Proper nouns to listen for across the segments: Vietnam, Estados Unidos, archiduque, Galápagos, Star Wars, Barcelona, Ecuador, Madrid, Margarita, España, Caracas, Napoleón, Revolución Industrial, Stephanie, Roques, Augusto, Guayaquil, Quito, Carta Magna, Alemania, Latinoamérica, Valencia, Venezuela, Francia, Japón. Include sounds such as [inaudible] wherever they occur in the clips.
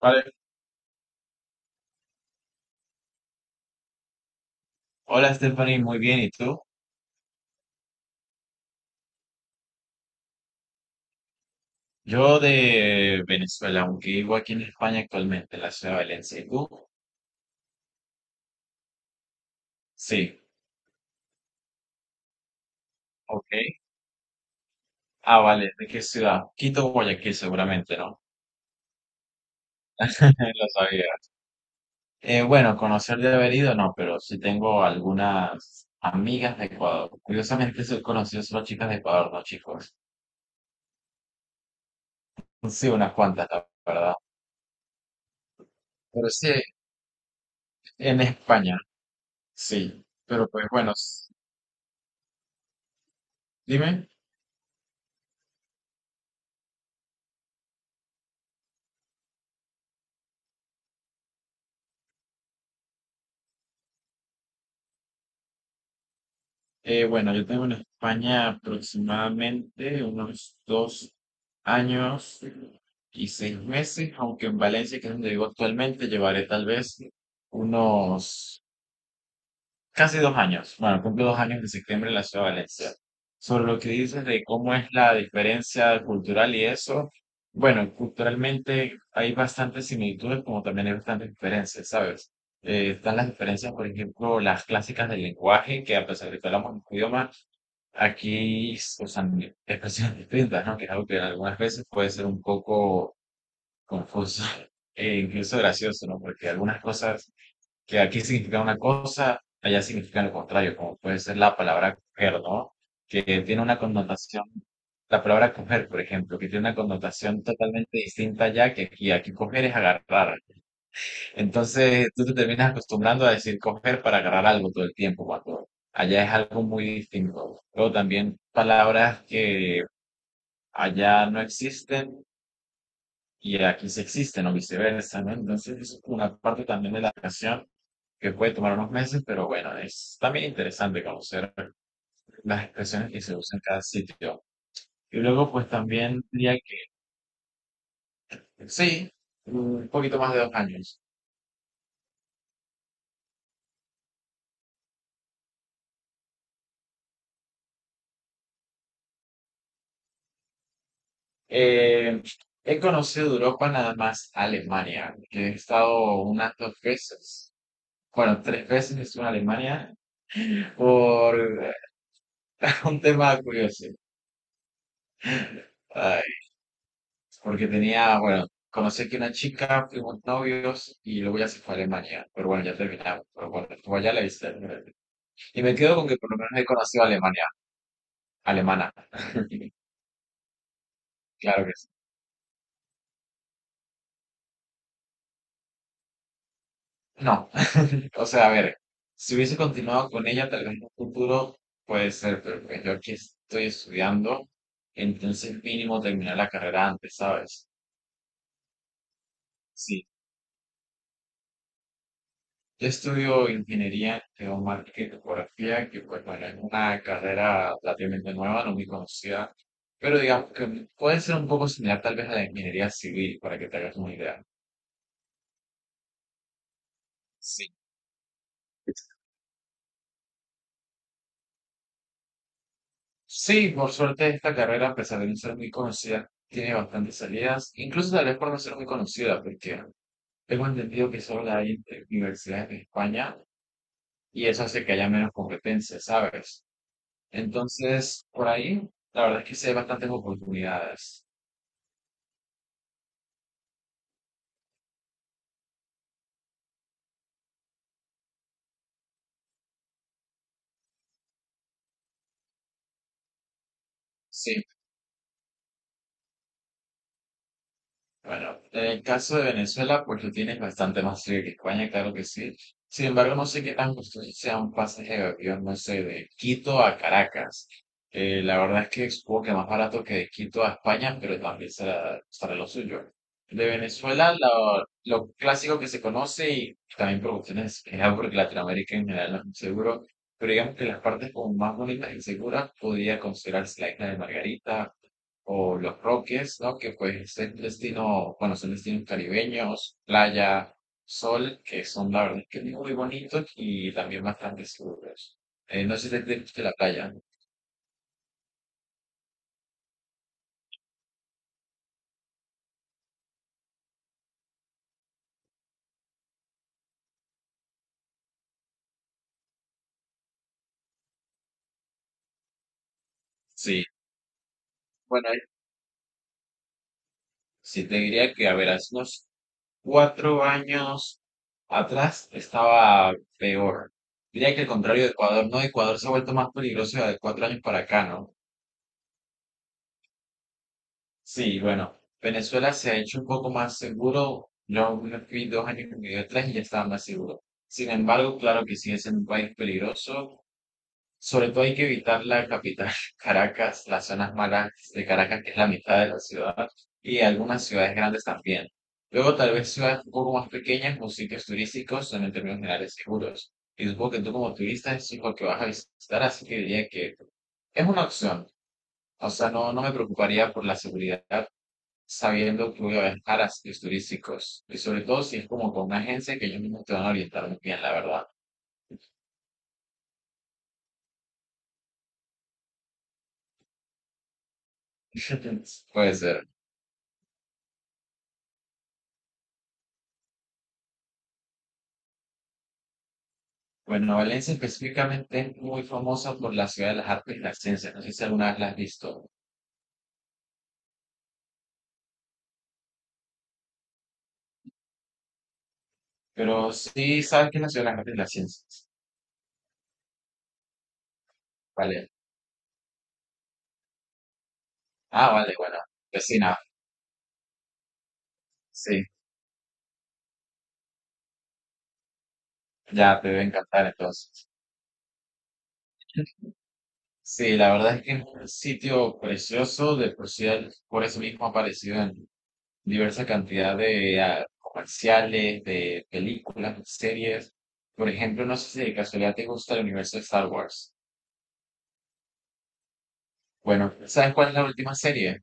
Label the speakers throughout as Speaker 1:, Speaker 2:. Speaker 1: Vale. Hola Stephanie, muy bien. ¿Y tú? Yo de Venezuela, aunque vivo aquí en España actualmente, en la ciudad de Valencia. ¿Y tú? Sí, ok. Ah, vale. ¿De qué ciudad? Quito, Guayaquil, seguramente, ¿no? [laughs] Lo sabía. Bueno, conocer de haber ido, no, pero sí tengo algunas amigas de Ecuador. Curiosamente, soy conocido solo chicas de Ecuador, no chicos. Sí, unas cuantas, la verdad. Pero sí, en España, sí. Pero pues bueno, dime. Bueno, yo tengo en España aproximadamente unos 2 años y 6 meses, aunque en Valencia, que es donde vivo actualmente, llevaré tal vez unos casi 2 años. Bueno, cumplo 2 años de septiembre en la ciudad de Valencia. Sobre lo que dices de cómo es la diferencia cultural y eso, bueno, culturalmente hay bastantes similitudes, como también hay bastantes diferencias, ¿sabes? Están las diferencias, por ejemplo, las clásicas del lenguaje, que a pesar de que hablamos un idioma, aquí, o sea, mi expresiones distintas, ¿no? Que es algo que algunas veces puede ser un poco confuso [laughs] e incluso gracioso, ¿no? Porque algunas cosas que aquí significan una cosa, allá significan lo contrario, como puede ser la palabra coger, ¿no? Que tiene una connotación, la palabra coger, por ejemplo, que tiene una connotación totalmente distinta allá que aquí. Aquí coger es agarrar, entonces tú te terminas acostumbrando a decir coger para agarrar algo todo el tiempo, cuando allá es algo muy distinto. Luego también palabras que allá no existen y aquí sí existen o viceversa, ¿no? Entonces es una parte también de la canción que puede tomar unos meses, pero bueno, es también interesante conocer las expresiones que se usan en cada sitio. Y luego pues también diría que sí, un poquito más de 2 años. Eh, He conocido Europa nada más Alemania, que he estado unas 2 veces. Bueno, 3 veces estuve en Alemania por [laughs] un tema curioso. Ay, porque tenía, bueno, conocí aquí una chica, fuimos novios y luego ya se fue a Alemania. Pero bueno, ya terminamos. Pero bueno, estuvo allá la viste. Y me quedo con que por lo menos he conocido a Alemania, alemana. [laughs] Claro que sí. No, [laughs] o sea, a ver, si hubiese continuado con ella, tal vez en un futuro puede ser, pero pues yo aquí estoy estudiando, entonces mínimo terminar la carrera antes, ¿sabes? Sí, yo estudio ingeniería geomática y topografía, que pues bueno, es una carrera relativamente nueva, no muy conocida, pero digamos que puede ser un poco similar tal vez a la ingeniería civil, para que te hagas una idea. Sí, por suerte esta carrera, a pesar de no ser muy conocida, tiene bastantes salidas, incluso tal vez por no ser muy conocida, porque tengo entendido que solo hay entre universidades de España y eso hace que haya menos competencia, ¿sabes? Entonces, por ahí, la verdad es que sí hay bastantes oportunidades. Sí, bueno, en el caso de Venezuela, pues lo tienes bastante más frío que España, claro que sí. Sin embargo, no sé qué tan costoso sea un pasaje de avión, no sé, de Quito a Caracas. La verdad es que supongo que más barato que de Quito a España, pero también será lo suyo. De Venezuela, lo clásico que se conoce, y también por cuestiones de seguridad, porque Latinoamérica en general no es muy seguro, pero digamos que las partes como más bonitas y seguras podría considerarse la isla de Margarita, o los Roques, ¿no? Que pues es destino, bueno, son destinos caribeños, playa, sol, que son la verdad que muy bonitos y también bastante seguros. No sé si te gusta la playa. Sí, bueno, sí te diría que, a ver, hace unos 4 años atrás estaba peor. Diría que el contrario de Ecuador, ¿no? Ecuador se ha vuelto más peligroso de 4 años para acá, ¿no? Sí, bueno, Venezuela se ha hecho un poco más seguro. Yo me fui 2 años y medio, tres y ya estaba más seguro. Sin embargo, claro que sigue siendo un país peligroso. Sobre todo hay que evitar la capital, [laughs] Caracas, las zonas malas de Caracas, que es la mitad de la ciudad, y algunas ciudades grandes también. Luego, tal vez ciudades un poco más pequeñas o sitios turísticos son en términos generales seguros. Y supongo que tú como turista es lo que vas a visitar, así que diría que es una opción. O sea, no, no me preocuparía por la seguridad sabiendo que voy a viajar a sitios turísticos. Y sobre todo si es como con una agencia que ellos mismos te van a orientar muy bien, la verdad. [laughs] Puede ser. Bueno, Valencia específicamente es muy famosa por la ciudad de las artes y las ciencias. No sé si alguna vez la has visto, pero sí sabes que es la ciudad de las artes y las ciencias. Vale. Ah, vale, bueno. Vecina, sí, ya te debe encantar entonces. Sí, la verdad es que es un sitio precioso, de por sí, por eso mismo ha aparecido en diversa cantidad de comerciales, de películas, de series. Por ejemplo, no sé si de casualidad te gusta el universo de Star Wars. Bueno, ¿sabes cuál es la última serie?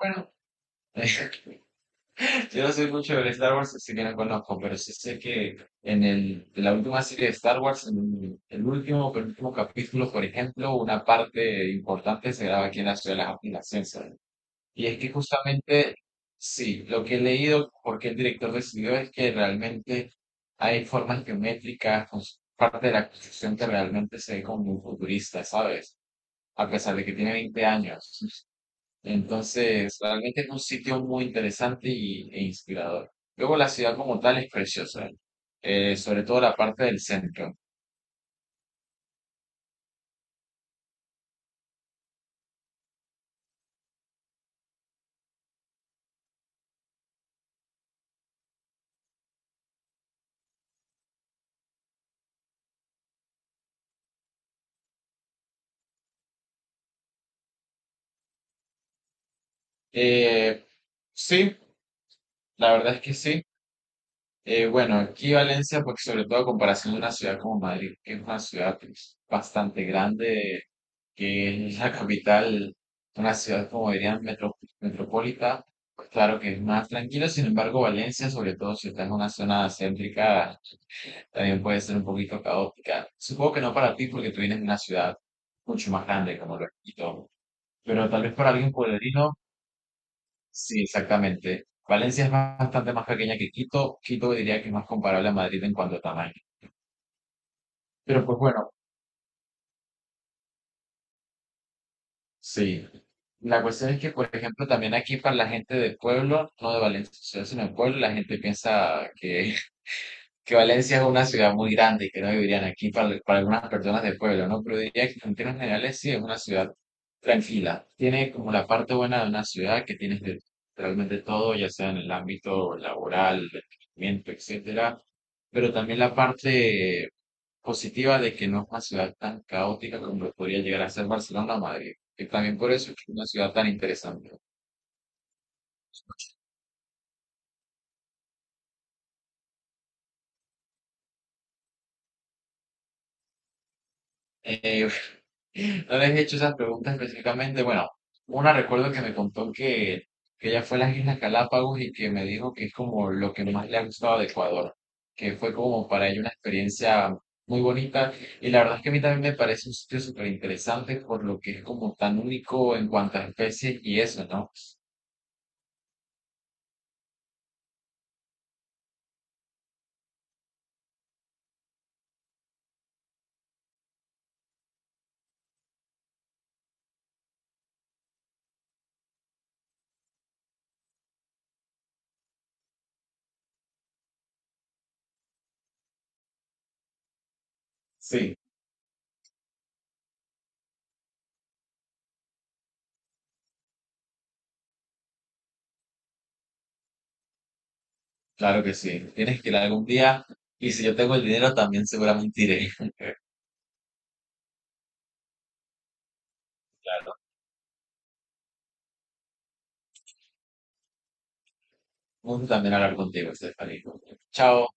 Speaker 1: Bueno, [laughs] yo no soy mucho de Star Wars, así que no conozco, pero sí sé que en la última serie de Star Wars, en el último, penúltimo capítulo, por ejemplo, una parte importante se graba aquí en la ciudad de las, en Y es que justamente, sí, lo que he leído, porque el director decidió es que realmente hay formas geométricas, parte de la construcción que realmente se ve como muy futurista, ¿sabes? A pesar de que tiene 20 años. Entonces, realmente es un sitio muy interesante y, e inspirador. Luego la ciudad como tal es preciosa, sobre todo la parte del centro. Eh, sí, la verdad es que sí. Bueno, aquí Valencia, pues sobre todo a comparación de una ciudad como Madrid, que es una ciudad pues, bastante grande, que es la [laughs] capital, una ciudad como dirían metropolita, pues claro que es más tranquila, sin embargo Valencia, sobre todo si estás en una zona céntrica, también puede ser un poquito caótica. Supongo que no para ti porque tú vienes de una ciudad mucho más grande como lo es Quito, pero tal vez para alguien pueblerino Sí, exactamente. Valencia es bastante más pequeña que Quito. Quito diría que es más comparable a Madrid en cuanto a tamaño. Pero pues bueno, sí. La cuestión es que, por ejemplo, también aquí para la gente de pueblo, no de Valencia, sino de pueblo, la gente piensa que es que Valencia es una ciudad muy grande y que no vivirían aquí para algunas personas de pueblo, ¿no? Pero diría que en términos generales sí es una ciudad tranquila. Tiene como la parte buena de una ciudad que tienes de- realmente todo, ya sea en el ámbito laboral, de entretenimiento, etcétera, pero también la parte positiva de que no es una ciudad tan caótica como lo podría llegar a ser Barcelona o Madrid, que también por eso es que es una ciudad tan interesante. Eh, No les he hecho esas preguntas específicamente. Bueno, una recuerdo que me contó que ella fue a las Islas Galápagos y que me dijo que es como lo que más le ha gustado de Ecuador, que fue como para ella una experiencia muy bonita. Y la verdad es que a mí también me parece un sitio súper interesante por lo que es como tan único en cuanto a especies y eso, ¿no? Sí, claro que sí. Tienes que ir algún día y si yo tengo el dinero también seguramente iré. [laughs] Un gusto también hablar contigo, Estefanía. Chao.